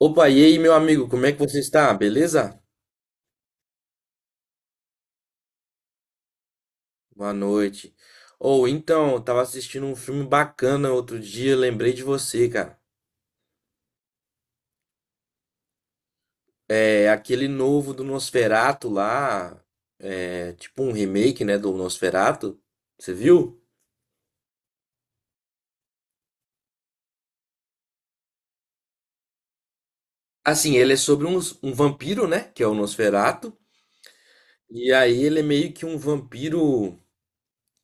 Opa, e aí, meu amigo, como é que você está? Beleza? Boa noite. Ou então, eu tava assistindo um filme bacana outro dia, lembrei de você, cara. É aquele novo do Nosferatu lá, é tipo um remake, né, do Nosferatu. Você viu? Assim, ele é sobre um vampiro, né, que é o Nosferatu. E aí ele é meio que um vampiro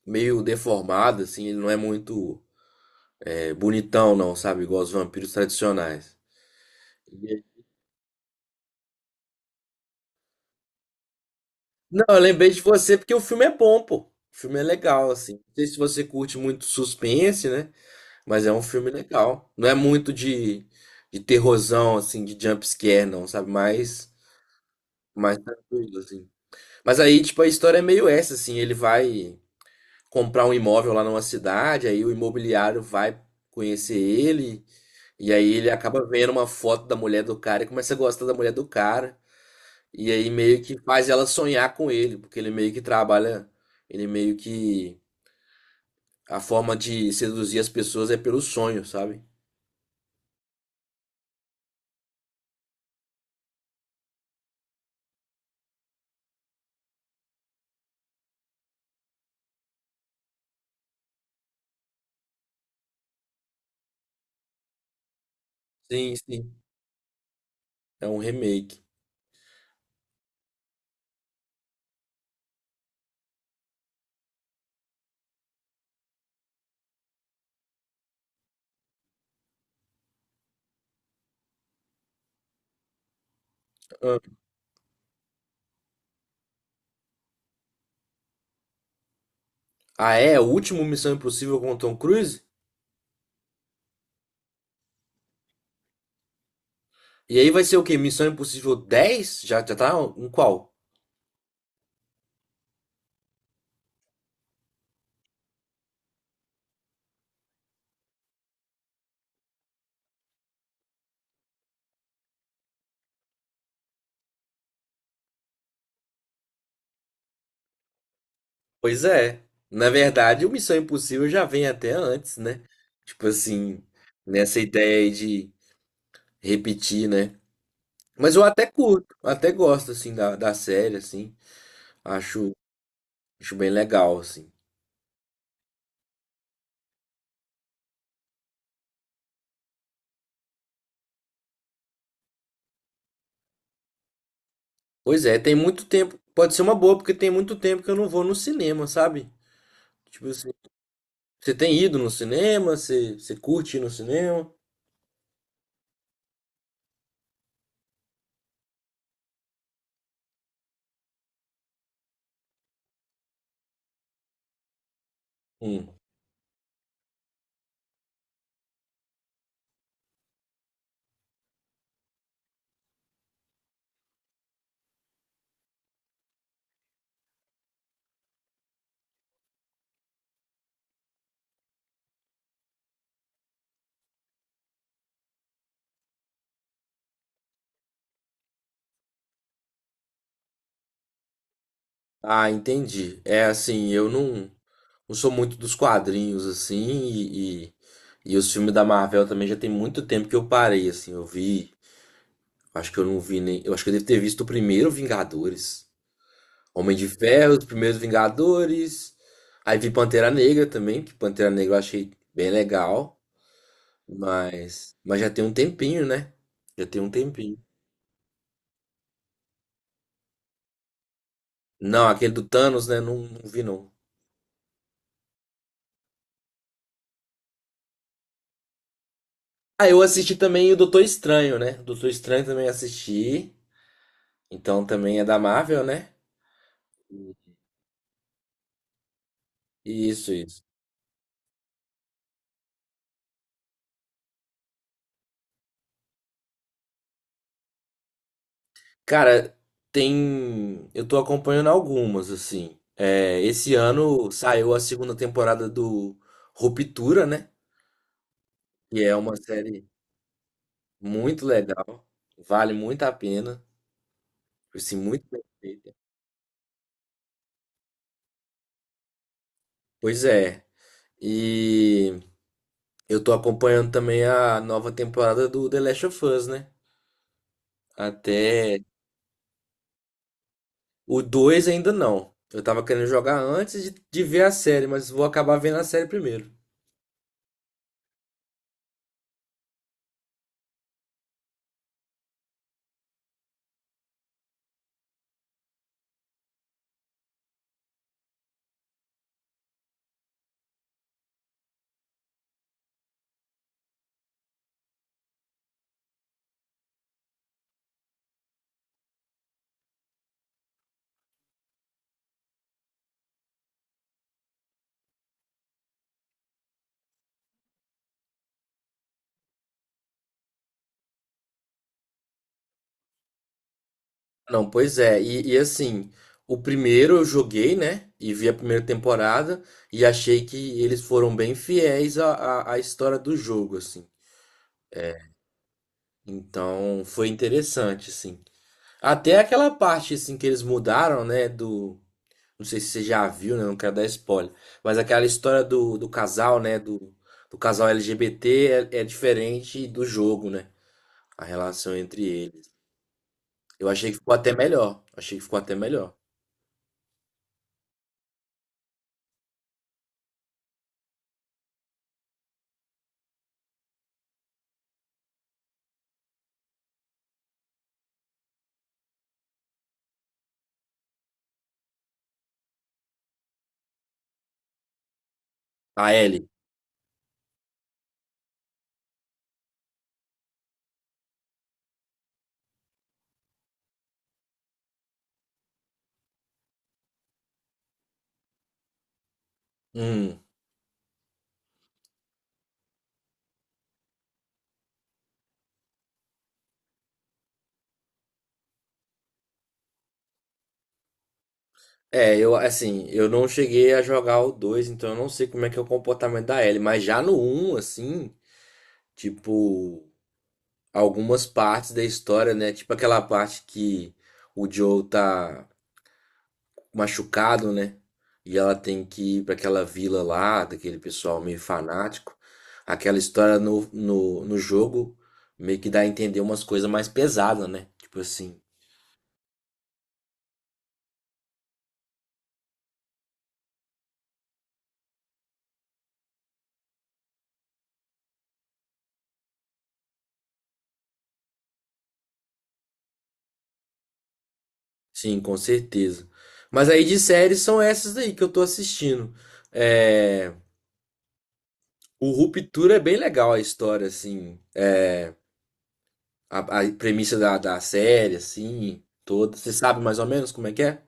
meio deformado, assim, ele não é muito bonitão, não, sabe? Igual os vampiros tradicionais. Não, eu lembrei de você porque o filme é bom, pô. O filme é legal, assim. Não sei se você curte muito suspense, né? Mas é um filme legal. Não é muito de terrorzão, assim, de jumpscare, não, sabe? Mais, mais tranquilo, assim. Mas aí, tipo, a história é meio essa, assim. Ele vai comprar um imóvel lá numa cidade, aí o imobiliário vai conhecer ele, e aí ele acaba vendo uma foto da mulher do cara e começa a gostar da mulher do cara. E aí meio que faz ela sonhar com ele, porque ele meio que trabalha, ele meio que a forma de seduzir as pessoas é pelo sonho, sabe? Sim, sim, é um remake. Ah, ah, é? O último Missão Impossível com o Tom Cruise? E aí vai ser o quê? Missão Impossível 10. Já, já tá em qual? Pois é. Na verdade, o Missão Impossível já vem até antes, né? Tipo assim, nessa ideia aí de repetir, né? Mas eu até curto, até gosto, assim, da, da série, assim. Acho, acho bem legal, assim. Pois é, tem muito tempo. Pode ser uma boa, porque tem muito tempo que eu não vou no cinema, sabe? Tipo assim, você tem ido no cinema? Você, você curte ir no cinema? Hum. Ah, entendi. É assim, eu não, não sou muito dos quadrinhos, assim, e os filmes da Marvel também já tem muito tempo que eu parei, assim. Eu vi. Acho que eu não vi nem. Eu acho que eu devo ter visto o primeiro Vingadores. Homem de Ferro, os primeiros Vingadores. Aí vi Pantera Negra também, que Pantera Negra eu achei bem legal. Mas já tem um tempinho, né? Já tem um tempinho. Não, aquele do Thanos, né? Não, não vi, não. Ah, eu assisti também o Doutor Estranho, né? Doutor Estranho também assisti. Então também é da Marvel, né? Isso, isso. Cara, tem. Eu tô acompanhando algumas, assim. É, esse ano saiu a segunda temporada do Ruptura, né? Que é uma série muito legal. Vale muito a pena. Assim, muito bem feita. Pois é. E. Eu tô acompanhando também a nova temporada do The Last of Us, né? Até o 2 ainda não. Eu tava querendo jogar antes de ver a série, mas vou acabar vendo a série primeiro. Não, pois é. E assim, o primeiro eu joguei, né? E vi a primeira temporada e achei que eles foram bem fiéis à história do jogo, assim. Então foi interessante, assim. Até aquela parte, assim, que eles mudaram, né? Do, não sei se você já viu, né? Não quero dar spoiler. Mas aquela história do, do casal, né? Do, do casal LGBT é, é diferente do jogo, né? A relação entre eles. Eu achei que ficou até melhor. Achei que ficou até melhor. A Ellie. Hum. É, eu, assim, eu não cheguei a jogar o 2, então eu não sei como é que é o comportamento da Ellie. Mas já no um, assim, tipo, algumas partes da história, né? Tipo aquela parte que o Joe tá machucado, né? E ela tem que ir para aquela vila lá, daquele pessoal meio fanático. Aquela história no jogo meio que dá a entender umas coisas mais pesadas, né? Tipo assim. Sim, com certeza. Mas aí de séries são essas aí que eu tô assistindo. É... O Ruptura é bem legal a história, assim. É... A, a premissa da, da série, assim, toda. Você sabe mais ou menos como é que é?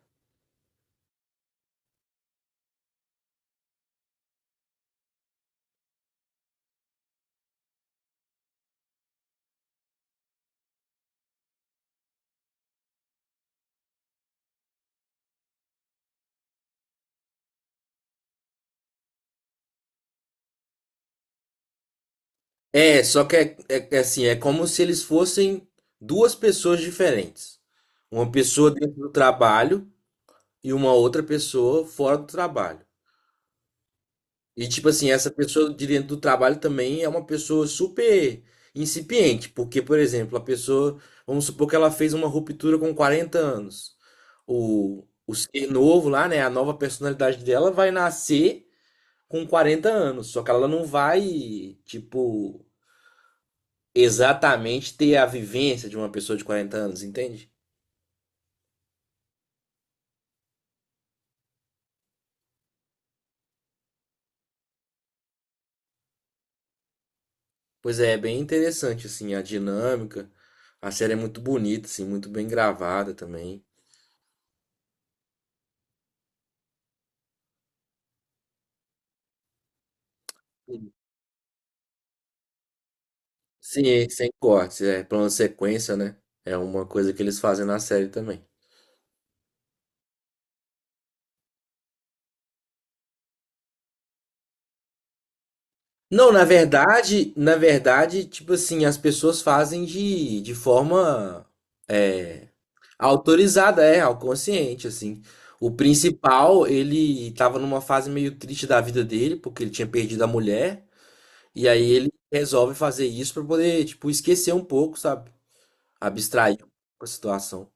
É, só que é assim, é como se eles fossem duas pessoas diferentes. Uma pessoa dentro do trabalho e uma outra pessoa fora do trabalho. E tipo assim, essa pessoa de dentro do trabalho também é uma pessoa super incipiente, porque, por exemplo, a pessoa, vamos supor que ela fez uma ruptura com 40 anos. O ser novo lá, né, a nova personalidade dela vai nascer com 40 anos, só que ela não vai, tipo, exatamente ter a vivência de uma pessoa de 40 anos, entende? Pois é, é bem interessante, assim, a dinâmica. A série é muito bonita, assim, muito bem gravada também. Sim, sem cortes, é plano sequência, né? É uma coisa que eles fazem na série também. Não, na verdade, tipo assim, as pessoas fazem de forma é, autorizada, é, ao consciente, assim. O principal, ele tava numa fase meio triste da vida dele, porque ele tinha perdido a mulher, e aí ele resolve fazer isso pra poder, tipo, esquecer um pouco, sabe? Abstrair um pouco a situação.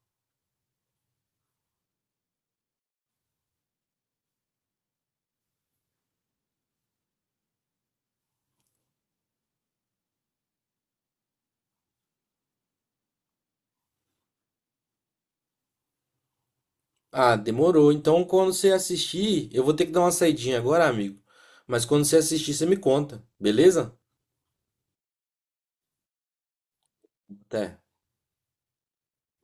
Ah, demorou. Então, quando você assistir, eu vou ter que dar uma saidinha agora, amigo. Mas quando você assistir, você me conta, beleza? Até.